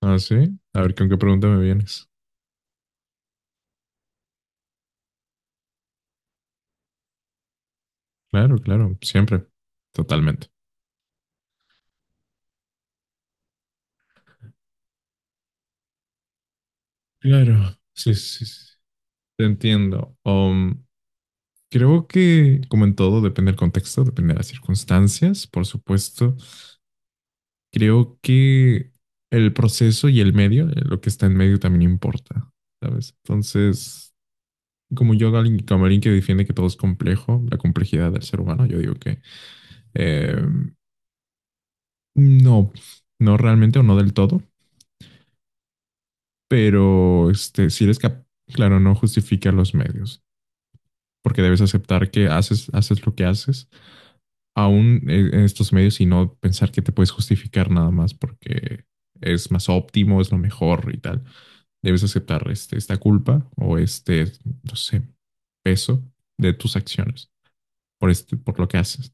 Ah, sí. A ver, ¿con qué pregunta me vienes? Claro, claro, siempre. Totalmente. Claro, sí, sí, sí. Te entiendo. Creo que, como en todo, depende del contexto, depende de las circunstancias, por supuesto. Creo que el proceso y el medio, lo que está en medio también importa, ¿sabes? Entonces, como yo, como alguien que defiende que todo es complejo, la complejidad del ser humano, yo digo que eh, no, no realmente o no del todo. Pero este, si eres capaz, claro, no justifica los medios, porque debes aceptar que haces lo que haces, aún en estos medios, y no pensar que te puedes justificar nada más porque es más óptimo, es lo mejor y tal. Debes aceptar este, esta culpa o este, no sé, peso de tus acciones por, este, por lo que haces.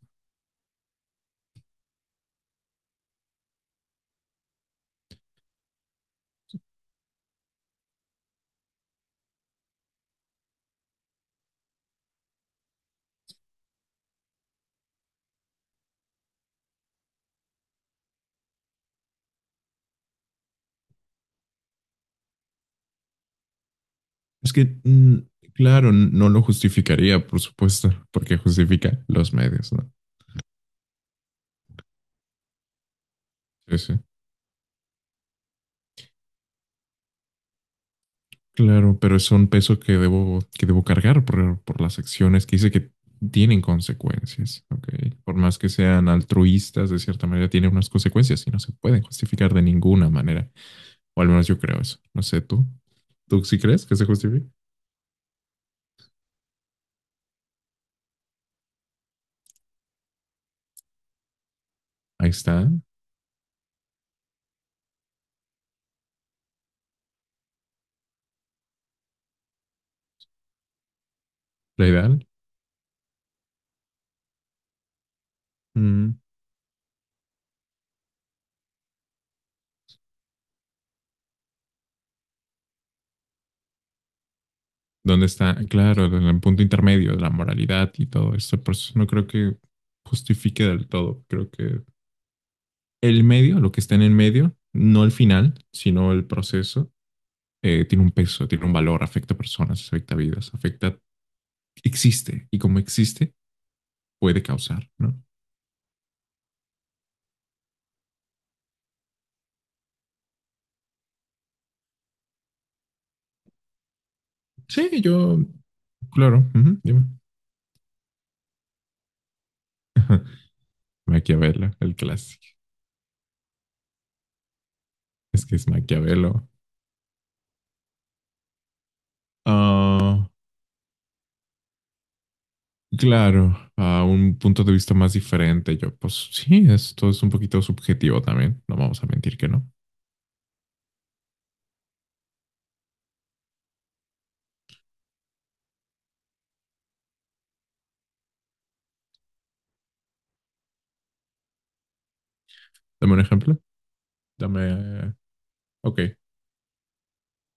Es que, claro, no lo justificaría, por supuesto, porque justifica los medios, ¿no? Sí, sí. Claro, pero son pesos que que debo cargar por las acciones que hice que tienen consecuencias, ¿ok? Por más que sean altruistas, de cierta manera tienen unas consecuencias y no se pueden justificar de ninguna manera. O al menos yo creo eso. No sé tú. ¿Tú sí crees que se justifica? Ahí está, la ideal. Mm, ¿dónde está? Claro, en el punto intermedio de la moralidad y todo esto. Por eso no creo que justifique del todo. Creo que el medio, lo que está en el medio, no el final, sino el proceso, tiene un peso, tiene un valor, afecta a personas, afecta a vidas, afecta, existe y como existe puede causar, ¿no? Sí, yo, claro, uh -huh, dime. Maquiavelo, el clásico. Es que es Maquiavelo. Ah, claro, a un punto de vista más diferente, yo, pues sí, esto es un poquito subjetivo también, no vamos a mentir que no. Dame un ejemplo. Dame, ok.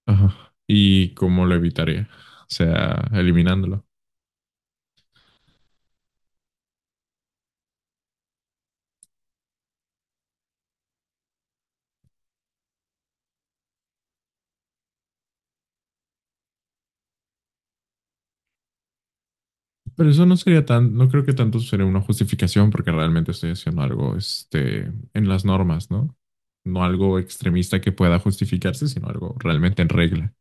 Ajá. ¿Y cómo lo evitaría? O sea, eliminándolo. Pero eso no sería tan, no creo que tanto sería una justificación porque realmente estoy haciendo algo, este, en las normas, ¿no? No algo extremista que pueda justificarse, sino algo realmente en regla.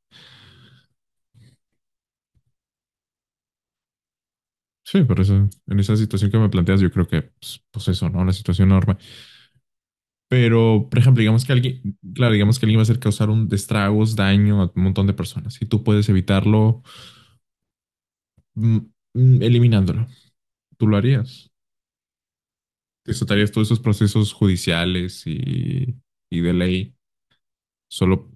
Sí, por eso, en esa situación que me planteas, yo creo que, pues, pues eso, ¿no? Una situación normal. Pero, por ejemplo, digamos que alguien, claro, digamos que alguien va a hacer causar un destragos, daño a un montón de personas y tú puedes evitarlo. mm, Eliminándolo. Tú lo harías. Te saltarías todos esos procesos judiciales y de ley, solo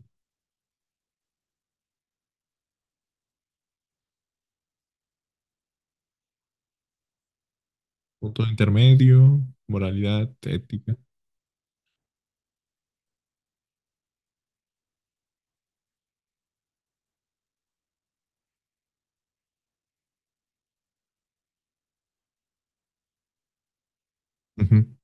punto intermedio, moralidad, ética. Ujú.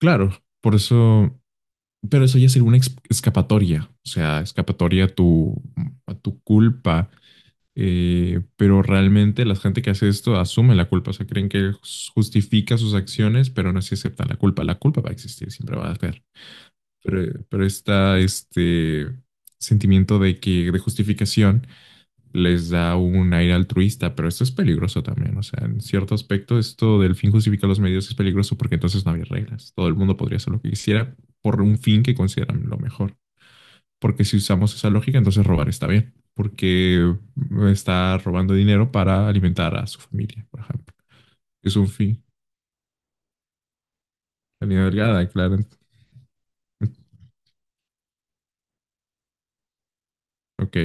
Claro, por eso, pero eso ya sería una escapatoria, o sea, escapatoria a tu culpa, pero realmente la gente que hace esto asume la culpa, o sea, creen que justifica sus acciones, pero no se aceptan la culpa. La culpa va a existir, siempre va a haber, pero está este sentimiento de que, de justificación, les da un aire altruista, pero esto es peligroso también. O sea, en cierto aspecto, esto del fin justifica los medios es peligroso porque entonces no había reglas. Todo el mundo podría hacer lo que quisiera por un fin que consideran lo mejor. Porque si usamos esa lógica, entonces robar está bien, porque está robando dinero para alimentar a su familia, por ejemplo. Es un fin. La línea delgada, claro. Ok.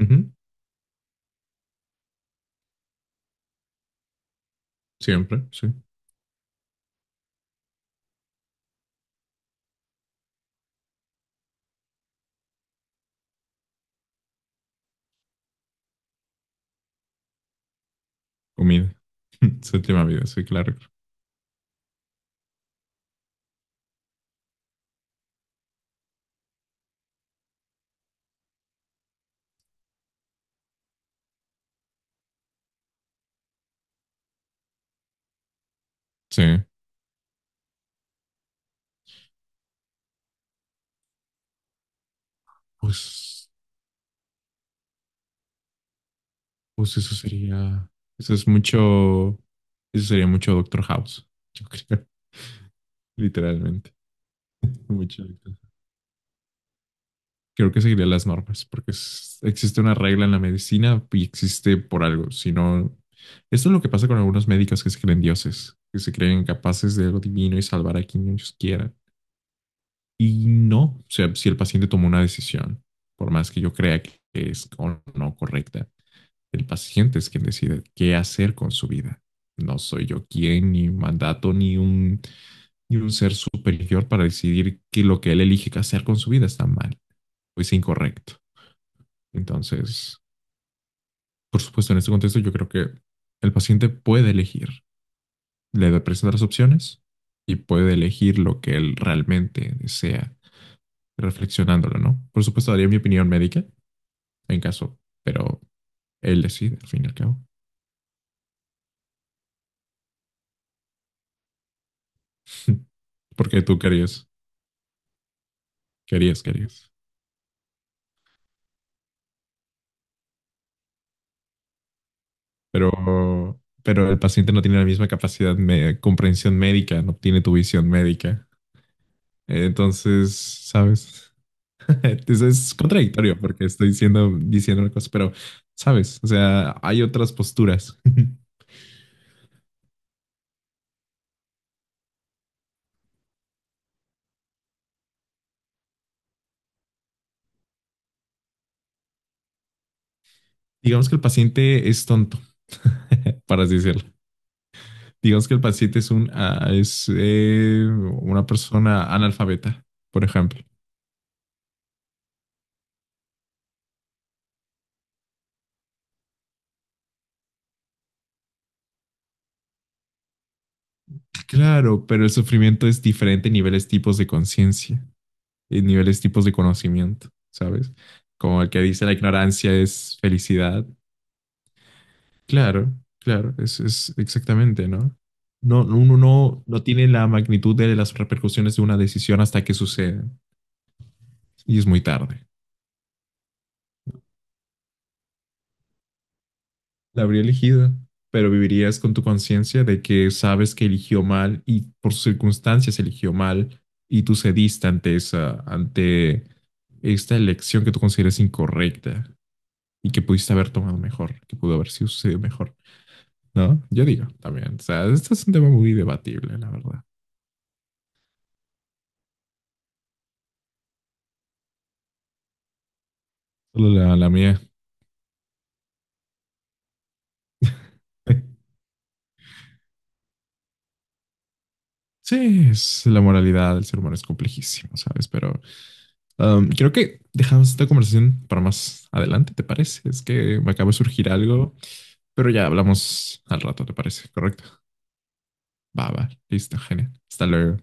Uh -huh. Siempre, sí. Comida. Séptima vida, sí, claro, claro. Sí. Pues, pues eso sería, eso es mucho, eso sería mucho Doctor House, yo creo, literalmente. Mucho Doctor- Creo que seguiría las normas, porque existe una regla en la medicina y existe por algo. Si no, esto es lo que pasa con algunos médicos que se creen dioses, que se creen capaces de lo divino y salvar a quien ellos quieran. Y no, o sea, si el paciente tomó una decisión, por más que yo crea que es o no correcta, el paciente es quien decide qué hacer con su vida. No soy yo quien, ni mandato, ni un, ni un ser superior para decidir que lo que él elige que hacer con su vida está mal o es incorrecto. Entonces, por supuesto, en este contexto yo creo que el paciente puede elegir. Le presentan las opciones y puede elegir lo que él realmente desea, reflexionándolo, ¿no? Por supuesto, daría mi opinión médica en caso, pero él decide al fin y al cabo. Porque tú querías, querías, querías. Pero el paciente no tiene la misma capacidad de comprensión médica, no tiene tu visión médica. Entonces, ¿sabes? Entonces es contradictorio porque estoy diciendo una cosa, pero, ¿sabes? O sea, hay otras posturas. Digamos que el paciente es tonto, para así decirlo. Digamos que el paciente es, un, ah, es una persona analfabeta, por ejemplo. Claro, pero el sufrimiento es diferente en niveles, tipos de conciencia. Eh, niveles, tipos de conocimiento, ¿sabes? Como el que dice la ignorancia es felicidad. Claro, claro, es exactamente, ¿no? No, uno no, no tiene la magnitud de las repercusiones de una decisión hasta que sucede y es muy tarde. La habría elegido, pero vivirías con tu conciencia de que sabes que eligió mal y por sus circunstancias eligió mal y tú cediste ante esa, ante esta elección que tú consideras incorrecta y que pudiste haber tomado mejor, que pudo haber sido sucedido mejor. ¿No? Yo digo también. O sea, este es un tema muy debatible, la verdad. Solo la, la mía. Sí, es, la moralidad del ser humano es complejísimo, ¿sabes? Pero creo que dejamos esta conversación para más adelante, ¿te parece? Es que me acaba de surgir algo, pero ya hablamos al rato, ¿te parece? ¿Correcto? Va, va, listo, genial. Hasta luego.